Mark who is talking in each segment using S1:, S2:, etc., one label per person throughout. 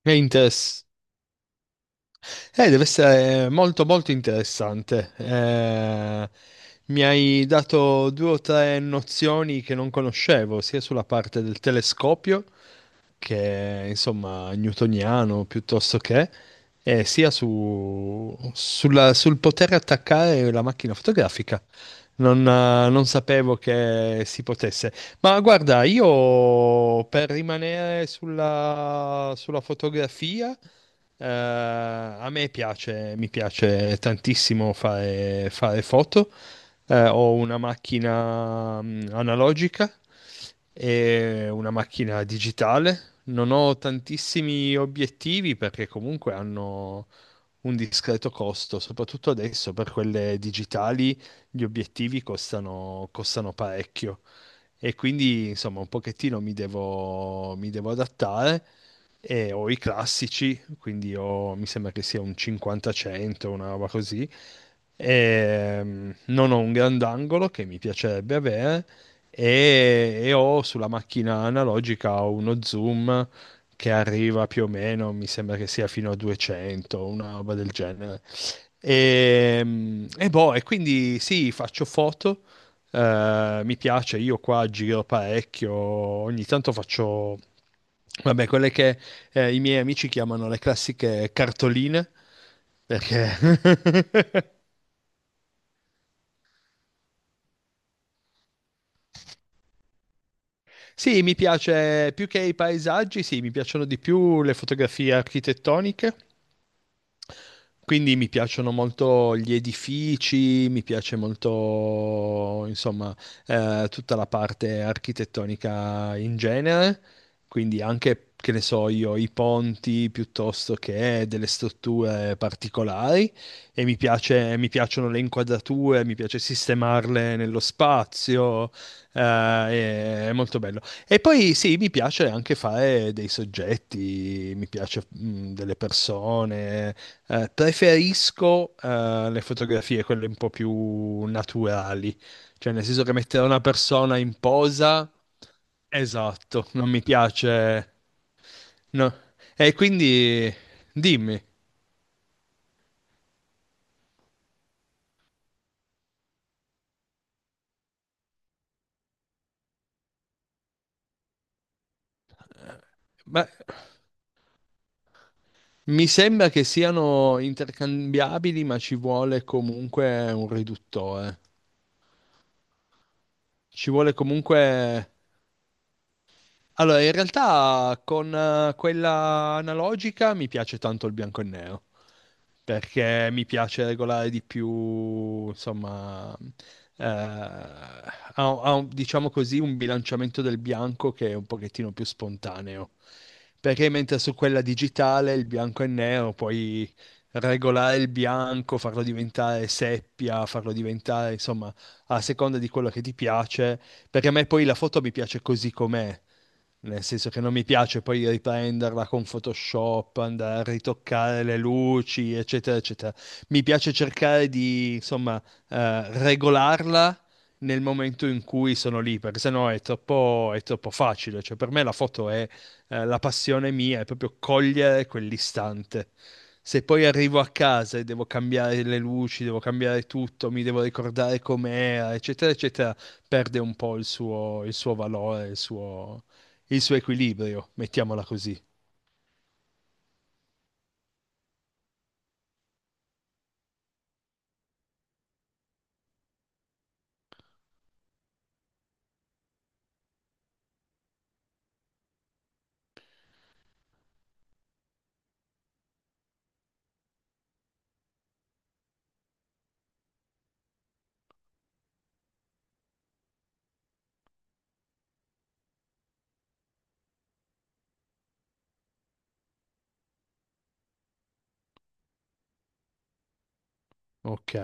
S1: È interess- Deve essere molto molto interessante. Mi hai dato due o tre nozioni che non conoscevo, sia sulla parte del telescopio che è, insomma, newtoniano, piuttosto che, sia sul poter attaccare la macchina fotografica. Non sapevo che si potesse. Ma guarda, io per rimanere sulla fotografia, mi piace tantissimo fare foto. Ho una macchina analogica e una macchina digitale. Non ho tantissimi obiettivi perché comunque hanno un discreto costo, soprattutto adesso per quelle digitali. Gli obiettivi costano parecchio, e quindi, insomma, un pochettino mi devo adattare, e ho i classici. Quindi mi sembra che sia un 50-100, una roba così. Non ho un grandangolo che mi piacerebbe avere, e ho sulla macchina analogica uno zoom che arriva più o meno, mi sembra che sia fino a 200, una roba del genere. Boh, e quindi sì, faccio foto. Mi piace, io qua giro parecchio, ogni tanto faccio, vabbè, quelle che i miei amici chiamano le classiche cartoline, perché sì, mi piace più che i paesaggi, sì, mi piacciono di più le fotografie architettoniche. Quindi mi piacciono molto gli edifici, mi piace molto, insomma, tutta la parte architettonica in genere. Quindi anche, che ne so io, i ponti piuttosto che delle strutture particolari, e mi piace, mi piacciono le inquadrature, mi piace sistemarle nello spazio. È molto bello. E poi sì, mi piace anche fare dei soggetti, mi piace delle persone. Preferisco le fotografie, quelle un po' più naturali, cioè nel senso che mettere una persona in posa, esatto, non mi piace. No. E quindi dimmi, ma mi sembra che siano intercambiabili, ma ci vuole comunque un riduttore. Ci vuole comunque. Allora, in realtà con quella analogica mi piace tanto il bianco e nero, perché mi piace regolare di più, insomma. eh, ha- diciamo così, un bilanciamento del bianco che è un pochettino più spontaneo. Perché mentre su quella digitale il bianco e nero puoi regolare il bianco, farlo diventare seppia, farlo diventare, insomma, a seconda di quello che ti piace. Perché a me poi la foto mi piace così com'è. Nel senso che non mi piace poi riprenderla con Photoshop, andare a ritoccare le luci, eccetera, eccetera. Mi piace cercare di, insomma, regolarla nel momento in cui sono lì, perché sennò è troppo facile. Cioè, per me la foto è, la passione mia, è proprio cogliere quell'istante. Se poi arrivo a casa e devo cambiare le luci, devo cambiare tutto, mi devo ricordare com'era, eccetera, eccetera, perde un po' il suo valore, il suo equilibrio, mettiamola così. Ok.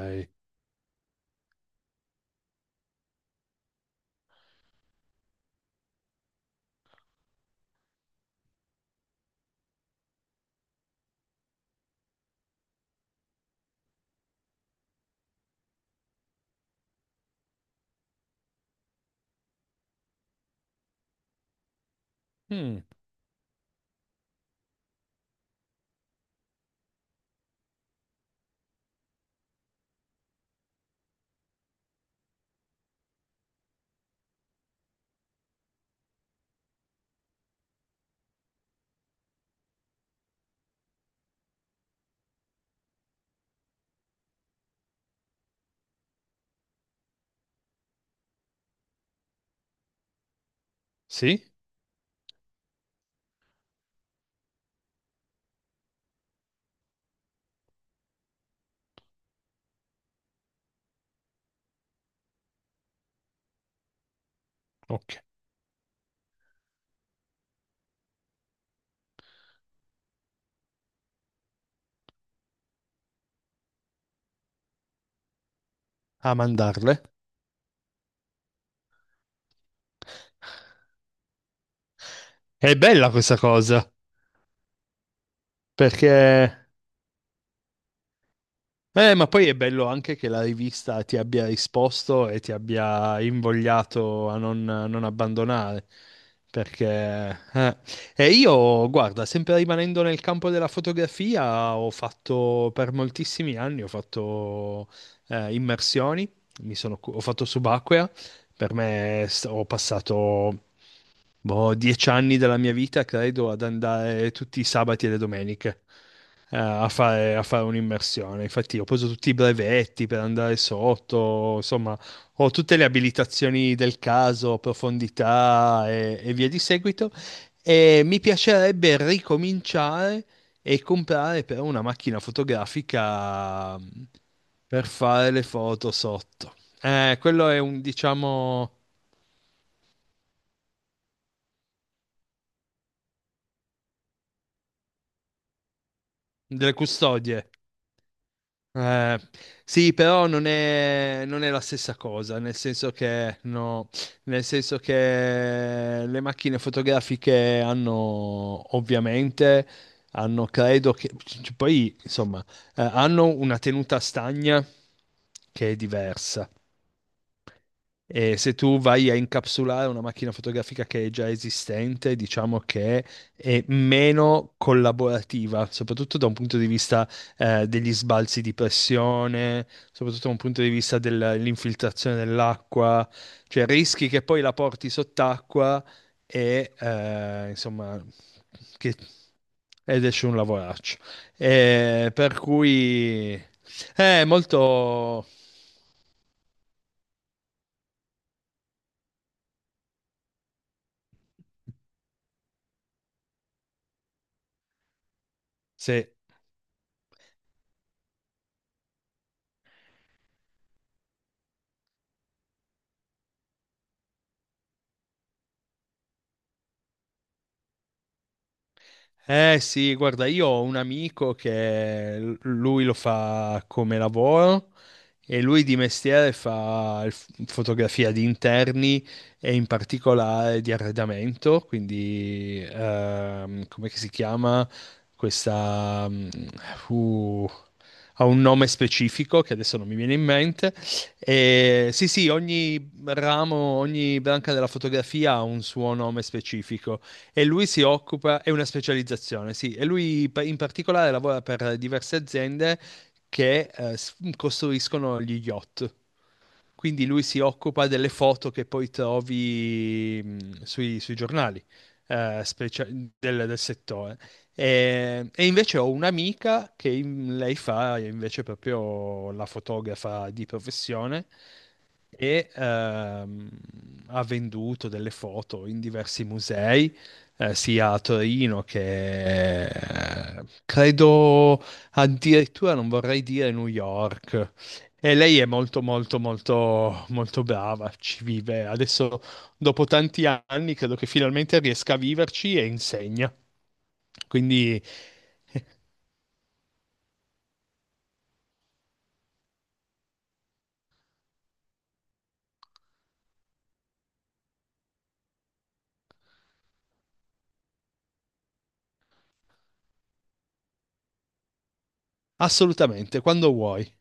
S1: Mm. Sì? Ok. A mandarle. È bella questa cosa, perché... ma poi è bello anche che la rivista ti abbia risposto e ti abbia invogliato a non abbandonare. Perché... eh. E io, guarda, sempre rimanendo nel campo della fotografia, ho fatto per moltissimi anni, ho fatto immersioni, ho fatto subacquea. Ho passato, boh, 10 anni della mia vita, credo, ad andare tutti i sabati e le domeniche a fare un'immersione. Infatti ho preso tutti i brevetti per andare sotto, insomma, ho tutte le abilitazioni del caso, profondità e via di seguito. E mi piacerebbe ricominciare e comprare però una macchina fotografica per fare le foto sotto. Quello è un, diciamo, delle custodie. Eh, sì, però non è la stessa cosa, nel senso che, no, nel senso che le macchine fotografiche hanno, ovviamente, hanno, credo che, poi, insomma, hanno una tenuta stagna che è diversa. E se tu vai a incapsulare una macchina fotografica che è già esistente, diciamo che è meno collaborativa, soprattutto da un punto di vista degli sbalzi di pressione, soprattutto da un punto di vista dell'infiltrazione dell'acqua, cioè rischi che poi la porti sott'acqua e insomma che, ed esce un lavoraccio. Per cui, è molto. Sì. Eh sì, guarda, io ho un amico che lui lo fa come lavoro, e lui di mestiere fa fotografia di interni, e in particolare di arredamento. Quindi come che si chiama questa... uh, ha un nome specifico che adesso non mi viene in mente. E sì, sì, ogni ramo, ogni branca della fotografia ha un suo nome specifico, e lui si occupa, è una specializzazione, sì, e lui in particolare lavora per diverse aziende che costruiscono gli yacht. Quindi lui si occupa delle foto che poi trovi sui giornali del settore. E invece ho un'amica che lei fa invece proprio la fotografa di professione, e ha venduto delle foto in diversi musei, sia a Torino che credo addirittura non vorrei dire New York. E lei è molto, molto, molto, molto brava, ci vive. Adesso, dopo tanti anni, credo che finalmente riesca a viverci, e insegna. Quindi, assolutamente, quando vuoi.